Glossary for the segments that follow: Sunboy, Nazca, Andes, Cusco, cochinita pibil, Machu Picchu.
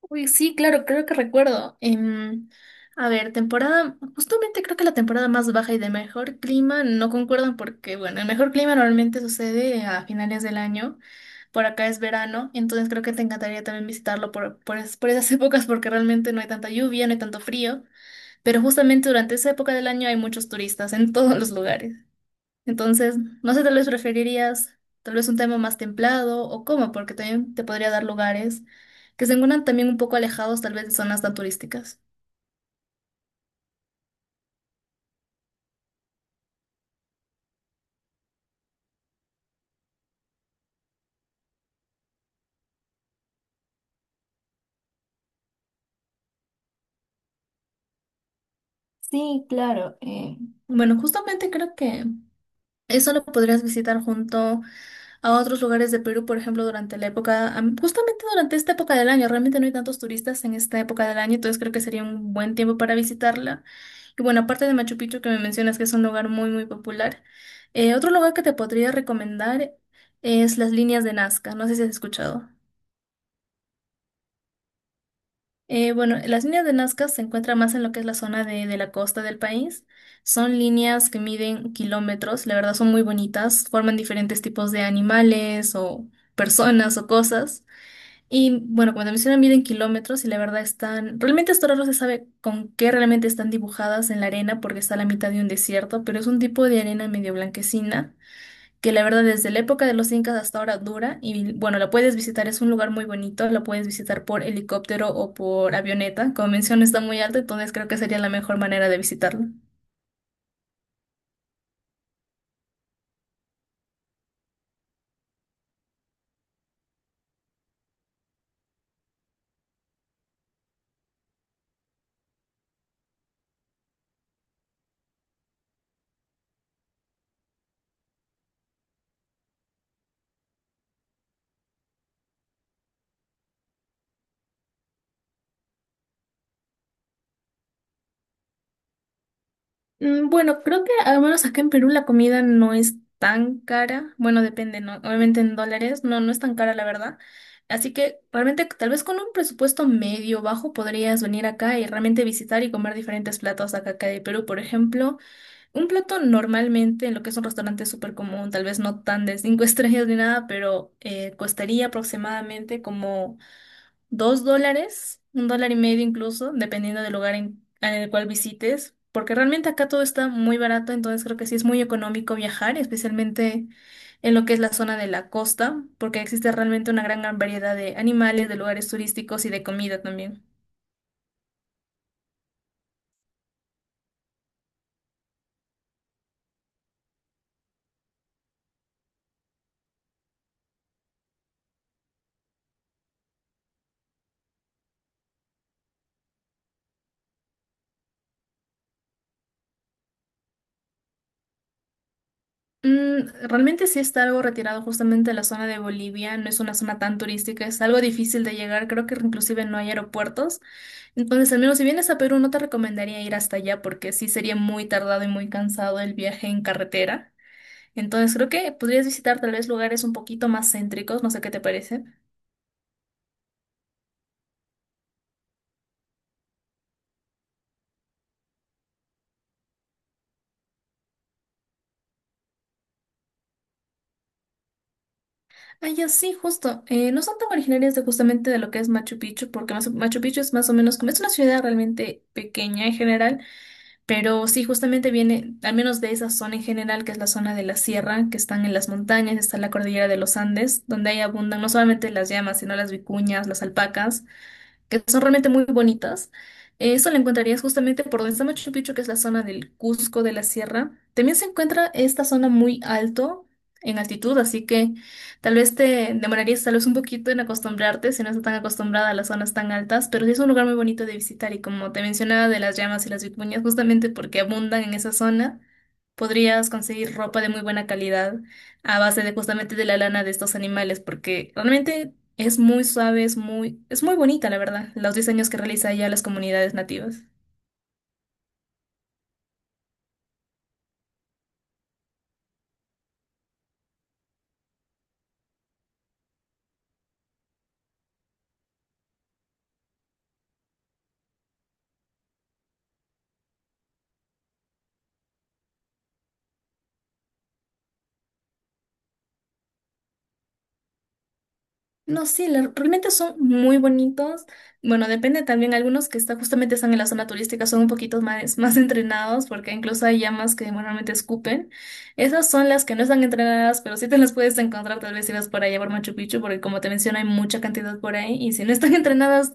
Uy, sí, claro, creo que recuerdo. A ver, temporada, justamente creo que la temporada más baja y de mejor clima no concuerdan porque, bueno, el mejor clima normalmente sucede a finales del año. Por acá es verano, entonces creo que te encantaría también visitarlo por esas épocas porque realmente no hay tanta lluvia, no hay tanto frío, pero justamente durante esa época del año hay muchos turistas en todos los lugares. Entonces, no sé, tal vez preferirías tal vez un tema más templado o cómo, porque también te podría dar lugares que se encuentran también un poco alejados tal vez de zonas tan turísticas. Sí, claro. Bueno, justamente creo que eso lo podrías visitar junto a otros lugares de Perú, por ejemplo, durante la época, justamente durante esta época del año, realmente no hay tantos turistas en esta época del año, entonces creo que sería un buen tiempo para visitarla. Y bueno, aparte de Machu Picchu que me mencionas que es un lugar muy, muy popular, otro lugar que te podría recomendar es las líneas de Nazca, no sé si has escuchado. Bueno, las líneas de Nazca se encuentran más en lo que es la zona de la costa del país. Son líneas que miden kilómetros, la verdad son muy bonitas, forman diferentes tipos de animales o personas o cosas. Y bueno, cuando mencionan miden kilómetros y la verdad están, realmente hasta ahora no se sabe con qué realmente están dibujadas en la arena porque está a la mitad de un desierto, pero es un tipo de arena medio blanquecina que la verdad desde la época de los incas hasta ahora dura y bueno, la puedes visitar, es un lugar muy bonito, la puedes visitar por helicóptero o por avioneta, como menciono está muy alto, entonces creo que sería la mejor manera de visitarlo. Bueno, creo que al menos acá en Perú la comida no es tan cara. Bueno, depende, ¿no? Obviamente en dólares, no, no es tan cara, la verdad. Así que realmente tal vez con un presupuesto medio bajo podrías venir acá y realmente visitar y comer diferentes platos acá de Perú. Por ejemplo, un plato normalmente en lo que es un restaurante súper común, tal vez no tan de cinco estrellas ni nada, pero costaría aproximadamente como $2, $1.50 incluso, dependiendo del lugar en el cual visites, porque realmente acá todo está muy barato, entonces creo que sí es muy económico viajar, especialmente en lo que es la zona de la costa, porque existe realmente una gran variedad de animales, de lugares turísticos y de comida también. Realmente sí está algo retirado justamente de la zona de Bolivia, no es una zona tan turística, es algo difícil de llegar, creo que inclusive no hay aeropuertos. Entonces, al menos si vienes a Perú, no te recomendaría ir hasta allá porque sí sería muy tardado y muy cansado el viaje en carretera. Entonces, creo que podrías visitar tal vez lugares un poquito más céntricos, no sé qué te parece. Ah, ya sí, justo. No son tan originarias de justamente de lo que es Machu Picchu, porque Machu Picchu es más o menos como es una ciudad realmente pequeña en general. Pero sí, justamente viene, al menos de esa zona en general, que es la zona de la sierra, que están en las montañas, está la cordillera de los Andes, donde ahí abundan no solamente las llamas, sino las vicuñas, las alpacas que son realmente muy bonitas. Eso lo encontrarías justamente por donde está Machu Picchu, que es la zona del Cusco de la Sierra. También se encuentra esta zona muy alto en altitud, así que tal vez te demorarías tal vez un poquito en acostumbrarte si no estás tan acostumbrada a las zonas tan altas, pero sí es un lugar muy bonito de visitar y como te mencionaba de las llamas y las vicuñas, justamente porque abundan en esa zona, podrías conseguir ropa de muy buena calidad a base de justamente de la lana de estos animales, porque realmente es muy suave, es muy bonita, la verdad, los diseños que realiza ella a las comunidades nativas. No, sí, realmente son muy bonitos. Bueno, depende también, algunos que está, justamente están en la zona turística son un poquito más entrenados, porque incluso hay llamas que normalmente escupen. Esas son las que no están entrenadas, pero sí te las puedes encontrar tal vez si vas por allá por Machu Picchu, porque como te menciono, hay mucha cantidad por ahí, y si no están entrenadas,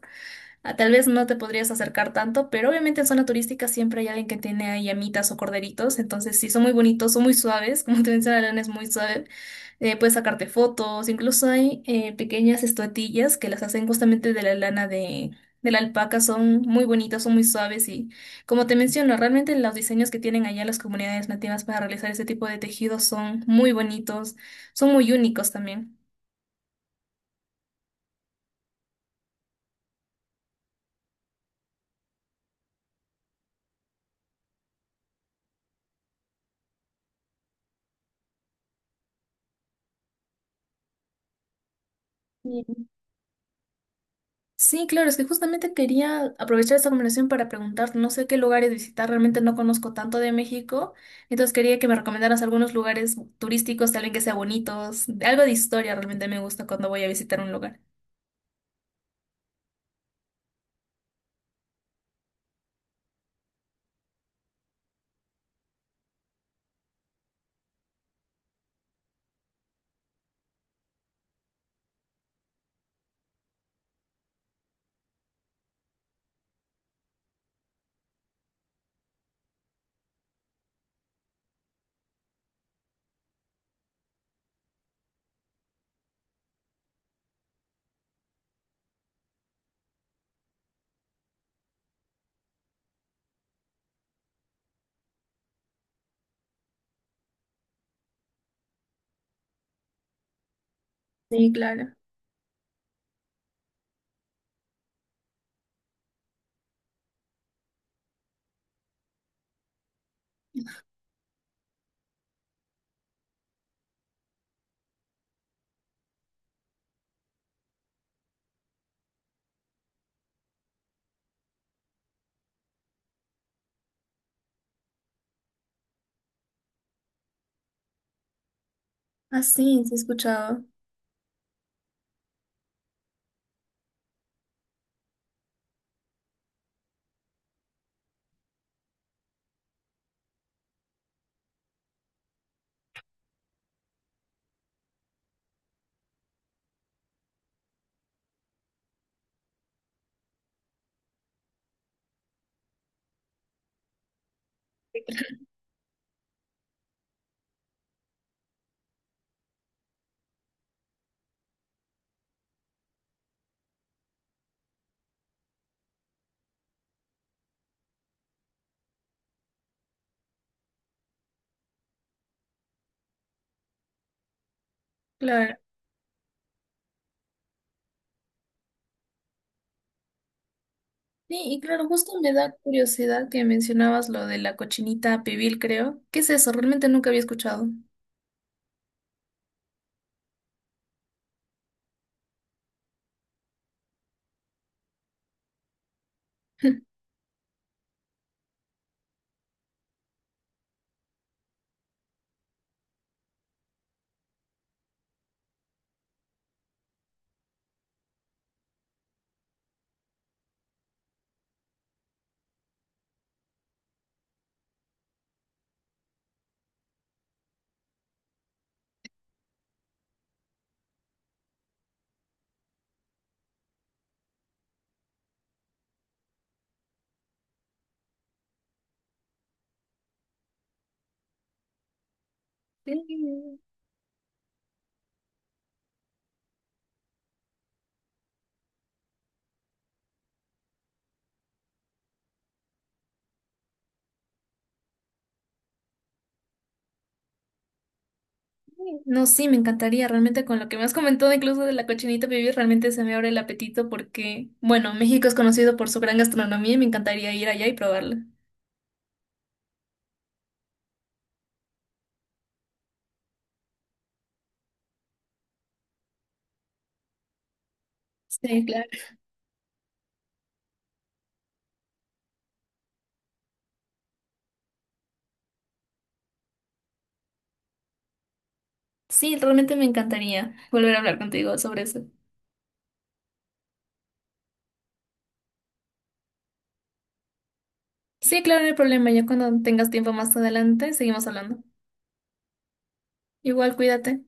ah, tal vez no te podrías acercar tanto, pero obviamente en zona turística siempre hay alguien que tiene ahí llamitas o corderitos, entonces sí, son muy bonitos, son muy suaves, como te menciona, León es muy suave. Puedes sacarte fotos, incluso hay pequeñas estatuillas que las hacen justamente de la lana de la alpaca, son muy bonitas, son muy suaves y como te menciono, realmente los diseños que tienen allá las comunidades nativas para realizar ese tipo de tejidos son muy bonitos, son muy únicos también. Sí, claro, es que justamente quería aprovechar esta conversación para preguntar, no sé qué lugares visitar, realmente no conozco tanto de México, entonces quería que me recomendaras algunos lugares turísticos, tal vez que sean bonitos, algo de historia realmente me gusta cuando voy a visitar un lugar. Sí, claro. Ah, sí, sí he escuchado. Claro. Sí, y claro, justo me da curiosidad que mencionabas lo de la cochinita pibil, creo. ¿Qué es eso? Realmente nunca había escuchado. Sí. Sí. No, sí, me encantaría. Realmente con lo que me has comentado, incluso de la cochinita pibil, realmente se me abre el apetito porque, bueno, México es conocido por su gran gastronomía y me encantaría ir allá y probarla. Sí, claro. Sí, realmente me encantaría volver a hablar contigo sobre eso. Sí, claro, no hay problema. Ya cuando tengas tiempo más adelante, seguimos hablando. Igual, cuídate.